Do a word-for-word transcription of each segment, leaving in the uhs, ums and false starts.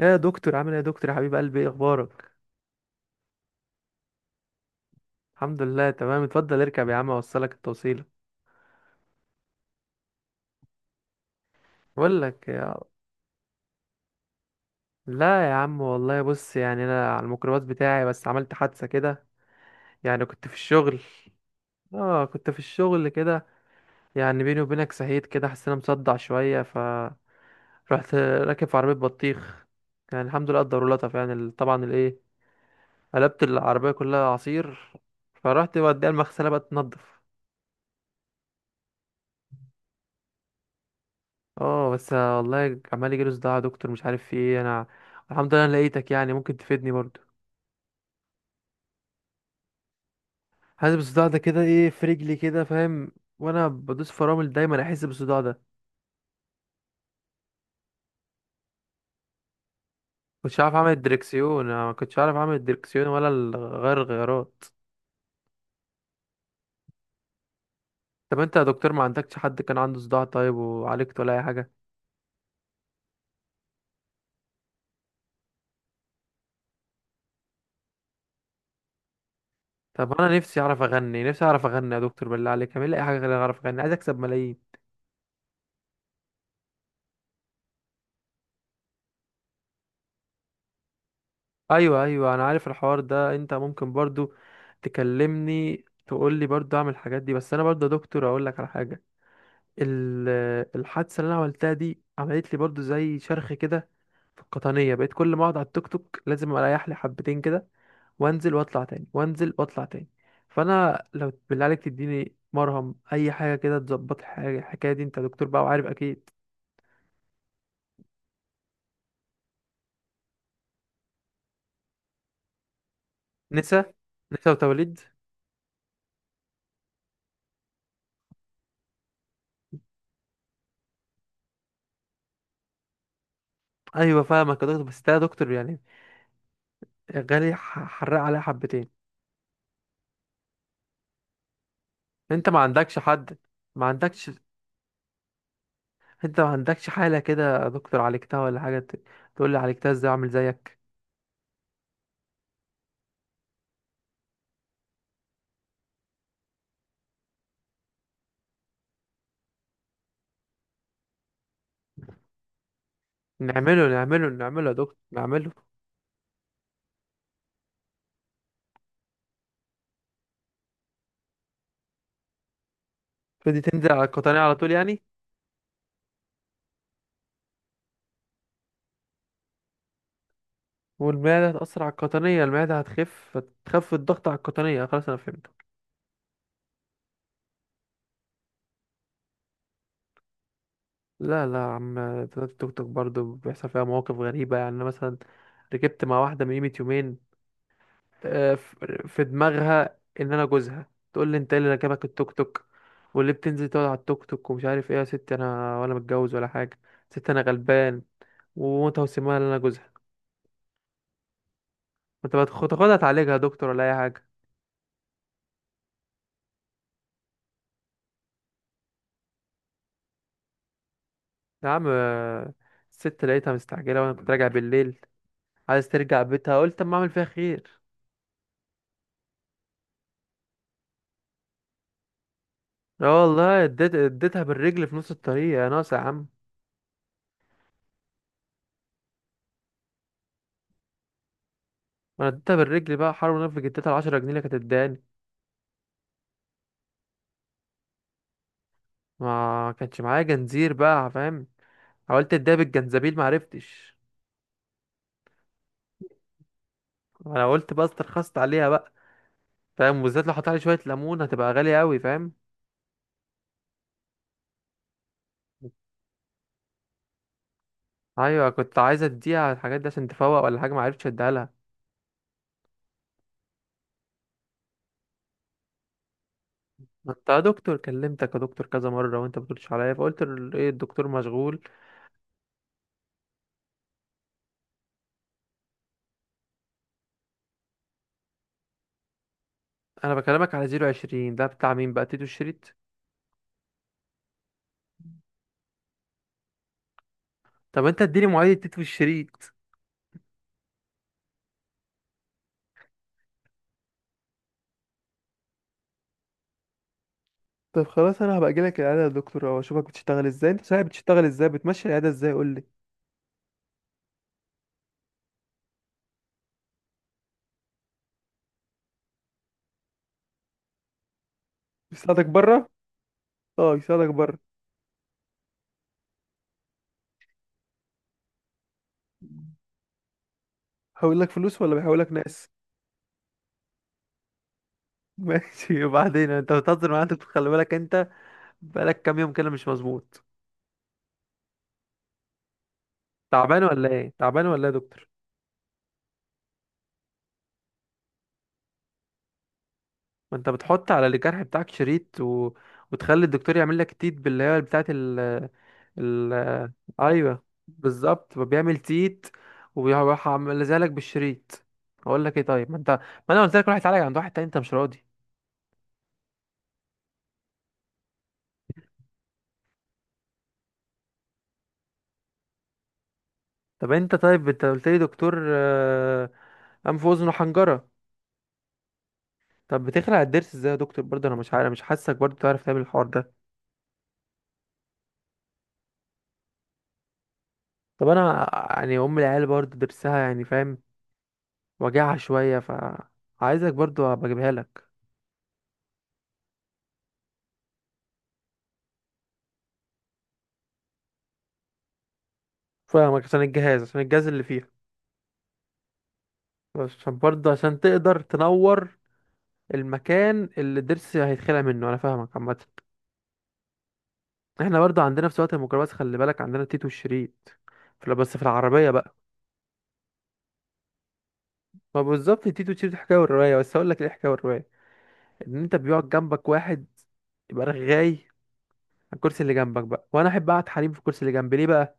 يا دكتور عامل ايه؟ يا دكتور يا حبيب قلبي، ايه اخبارك؟ الحمد لله تمام. اتفضل اركب يا عم اوصلك التوصيله. بقول لك يا... لا يا عم والله، بص يعني انا على الميكروباص بتاعي بس عملت حادثه كده، يعني كنت في الشغل. اه كنت في الشغل كده، يعني بيني وبينك سهيت كده، حسيت انا مصدع شويه، ف رحت راكب في عربيه بطيخ. يعني الحمد لله قدر لطف، يعني ال- طبعا الايه، قلبت العربيه كلها عصير، فرحت بوديها المغسله بقى تنضف. اه بس والله عمال يجيله صداع يا دكتور، مش عارف في ايه انا. الحمد لله انا لقيتك، يعني ممكن تفيدني برضو. حاسس بالصداع ده كده ايه في رجلي كده فاهم، وانا بدوس فرامل دايما احس بالصداع ده. كنتش عارف اعمل الدركسيون، انا ما كنتش عارف اعمل الدركسيون ولا ال- غير الغيارات. طب انت يا دكتور ما عندكش حد كان عنده صداع طيب وعالجت ولا اي حاجه؟ طب انا نفسي اعرف اغني، نفسي اعرف اغني يا دكتور، بالله عليك اعمل لي اي حاجه غير اعرف اغني، عايز اكسب ملايين. ايوه ايوه، انا عارف الحوار ده، انت ممكن برضو تكلمني تقول لي برضو اعمل الحاجات دي، بس انا برضو يا دكتور اقول لك على حاجه. ال- الحادثه اللي انا عملتها دي عملت لي برضو زي شرخ كده في القطنيه، بقيت كل ما اقعد على التوك توك لازم اريح لي حبتين كده، وانزل واطلع تاني وانزل واطلع تاني. فانا لو بالله عليك تديني مرهم اي حاجه كده تظبط الحاجه الحكايه دي، انت دكتور بقى وعارف اكيد. نسا، نسا وتوليد. ايوه فاهمك يا دكتور، بس ده يا دكتور يعني غالي، ح- حرق عليها حبتين. انت ما عندكش حد؟ ما عندكش؟ انت ما عندكش حالة كده يا دكتور عالجتها ولا حاجة، ت- تقول لي عالجتها ازاي اعمل زيك؟ نعمله نعمله نعمله يا دكتور نعمله. فدي تنزل على القطنية على طول يعني. والمعدة هتأثر على القطنية، المعدة هتخف، هتخف الضغط على القطنية، خلاص انا فهمت. لا لا يا عم، التوك توك برضه بيحصل فيها مواقف غريبة. يعني أنا مثلا ركبت مع واحدة من قيمة يومين، آه، ف- في دماغها ان انا جوزها، تقول لي انت إيه اللي راكبك التوك توك واللي بتنزل تقعد على التوك توك ومش عارف ايه. يا ستي انا ولا متجوز ولا حاجه، ست انا غلبان، وانت وسمها ان انا جوزها. وانت بتخ- تاخدها تعالجها يا دكتور ولا اي حاجه؟ يا عم آه، الست لقيتها مستعجله وانا كنت راجع بالليل، عايز ترجع بيتها، قلت اما اعمل فيها خير. اه والله اديت اديتها بالرجل في نص الطريق يا ناقص يا عم. انا اديتها بالرجل بقى حرام، نفسي اديتها العشرة جنيه اللي كانت اداني. ما كانش معايا جنزير بقى فاهم، حاولت اديها بالجنزبيل معرفتش. انا قلت بقى استرخصت عليها بقى فاهم، وبالذات لو حطيت عليه شويه ليمون هتبقى غاليه قوي فاهم. ايوه كنت عايز اديها على الحاجات دي عشان تفوق ولا حاجه، معرفتش اديها لها. ما انت يا دكتور كلمتك يا دكتور كذا مره وانت بتردش عليا، فقلت ال- ايه الدكتور مشغول. انا بكلمك على صفر اتنين صفر، ده بتاع مين بقى تيتو الشريط؟ طب انت اديني مواعيد تيتو الشريط. طب خلاص انا هبقى اجيلك العياده يا دكتور، او اشوفك بتشتغل ازاي، انت صحيح بتشتغل ازاي بتمشي العياده ازاي؟ قول لي. بيساعدك بره؟ اه يساعدك بره. هقول لك فلوس ولا بيحول لك ناس؟ ماشي. وبعدين انت بتهزر معايا، انت خلي بالك انت، بقالك كام يوم كده مش مظبوط. تعبان ولا ايه، تعبان ولا ايه يا دكتور؟ ما انت بتحط على الجرح بتاعك شريط و... وتخلي الدكتور يعمل لك تيت باللي هي بتاعه ال... ال... ايوه بالظبط، بيعمل تيت وبيروح عامل لك بالشريط. اقول لك ايه، طيب ما انت، ما انا قلت لك روح اتعالج عند واحد تاني انت مش راضي. طب انت، طيب انت قلت لي دكتور آه، انف واذن وحنجره. طب بتخلع الضرس ازاي يا دكتور برضه؟ انا مش عارف، مش حاسك برضه تعرف تعمل الحوار ده. طب انا يعني ام العيال برضه ضرسها يعني فاهم، وجعها شويه، ف عايزك برضه ابقى اجيبها لك. فاهمك، عشان الجهاز، عشان الجهاز اللي فيها، عشان برضه عشان تقدر تنور المكان اللي الضرس هيتخلع منه، انا فاهمك عامه. احنا برضه عندنا في سواقة الميكروباص خلي بالك عندنا تيتو الشريط في، بس في العربيه بقى. ما بالظبط تيتو الشريط الحكايه والروايه، بس اقول لك ايه الحكايه والروايه، ان انت بيقعد جنبك واحد يبقى رغاي، الكرسي اللي جنبك بقى. وانا احب اقعد حريم في الكرسي اللي جنبي، ليه بقى؟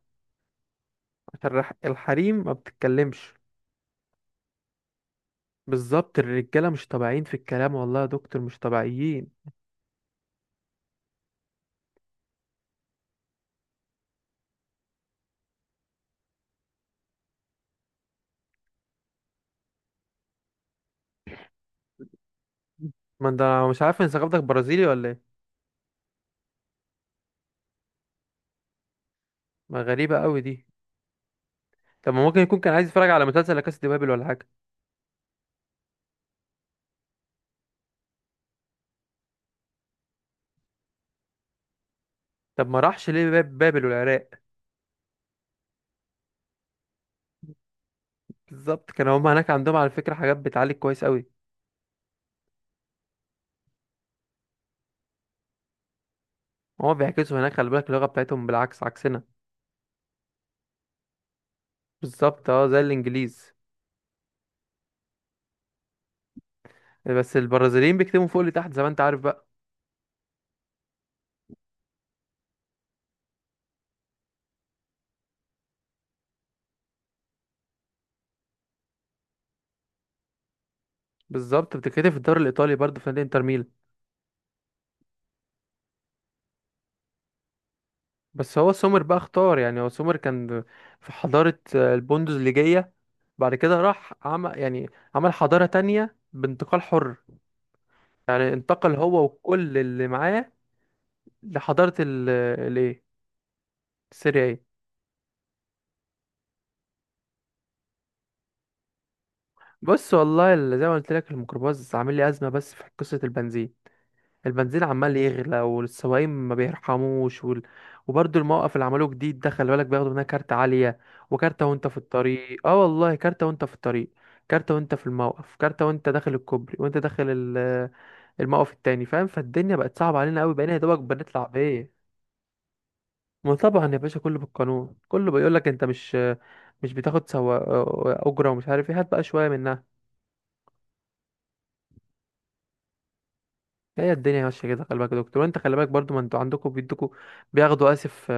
عشان الرح- الحريم ما بتتكلمش. بالظبط الرجاله مش طبيعيين في الكلام، والله يا دكتور مش طبيعيين. ما انت مش عارف ان ثقافتك برازيلي ولا ايه؟ ما غريبه قوي دي. طب ما ممكن يكون كان عايز يتفرج على مسلسل لا كاسا دي بابل ولا حاجه. طب ما راحش ليه باب بابل والعراق؟ بالظبط، كان هما هناك عندهم على فكره حاجات بتعالج كويس قوي. هما بيعكسوا هناك خلي بالك، اللغه بتاعتهم بالعكس عكسنا. بالظبط، اه زي الانجليز. بس البرازيليين بيكتبوا فوق لتحت زي ما انت عارف بقى. بالظبط، بتتكتب في الدوري الايطالي برضه في نادي انتر ميلان. بس هو سومر بقى اختار، يعني هو سومر كان في حضارة آه، البوندوزليجية، بعد كده راح عمل يعني عمل حضارة تانية بانتقال حر، يعني انتقل هو وكل اللي معاه لحضارة ال الايه السريعية. بص والله، ال- زي ما قلت لك الميكروباص عامل لي أزمة بس في قصة البنزين. البنزين عمال يغلى والسواقين ما بيرحموش وال... وبرضه الموقف اللي عملوه جديد ده خلي بالك، بياخدوا منها كارت عالية. وكارتة وانت في الطريق، اه والله كارتة وانت في الطريق، كارتة وانت في الموقف، كارتة وانت داخل الكوبري، وانت داخل ال- الموقف التاني فاهم. فالدنيا بقت صعبة علينا قوي، بقينا يا دوبك بنطلع بايه. ما طبعا يا باشا كله بالقانون، كله بيقول لك انت مش، مش بتاخد سوا اجره ومش عارف ايه، هات بقى شويه منها. هي الدنيا ماشيه كده خلي بالك يا دكتور، وانت خلي بالك برضو، ما انتوا عندكم بيدوكوا، بياخدوا اسف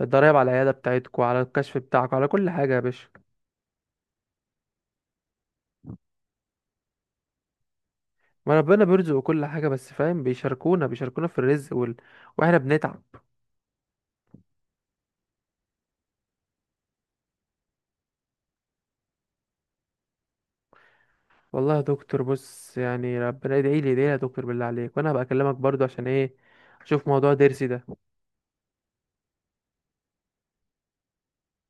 الضرايب على العيادة بتاعتكم، على الكشف بتاعكم، على كل حاجة يا باشا. ما ربنا بيرزق كل حاجة بس فاهم، بيشاركونا، بيشاركونا في الرزق وال... واحنا بنتعب. والله يا دكتور، بص يعني ربنا ادعي لي، ادعي لي يا دكتور بالله عليك، وانا هبقى اكلمك برضو، عشان ايه؟ اشوف موضوع ضرسي ده.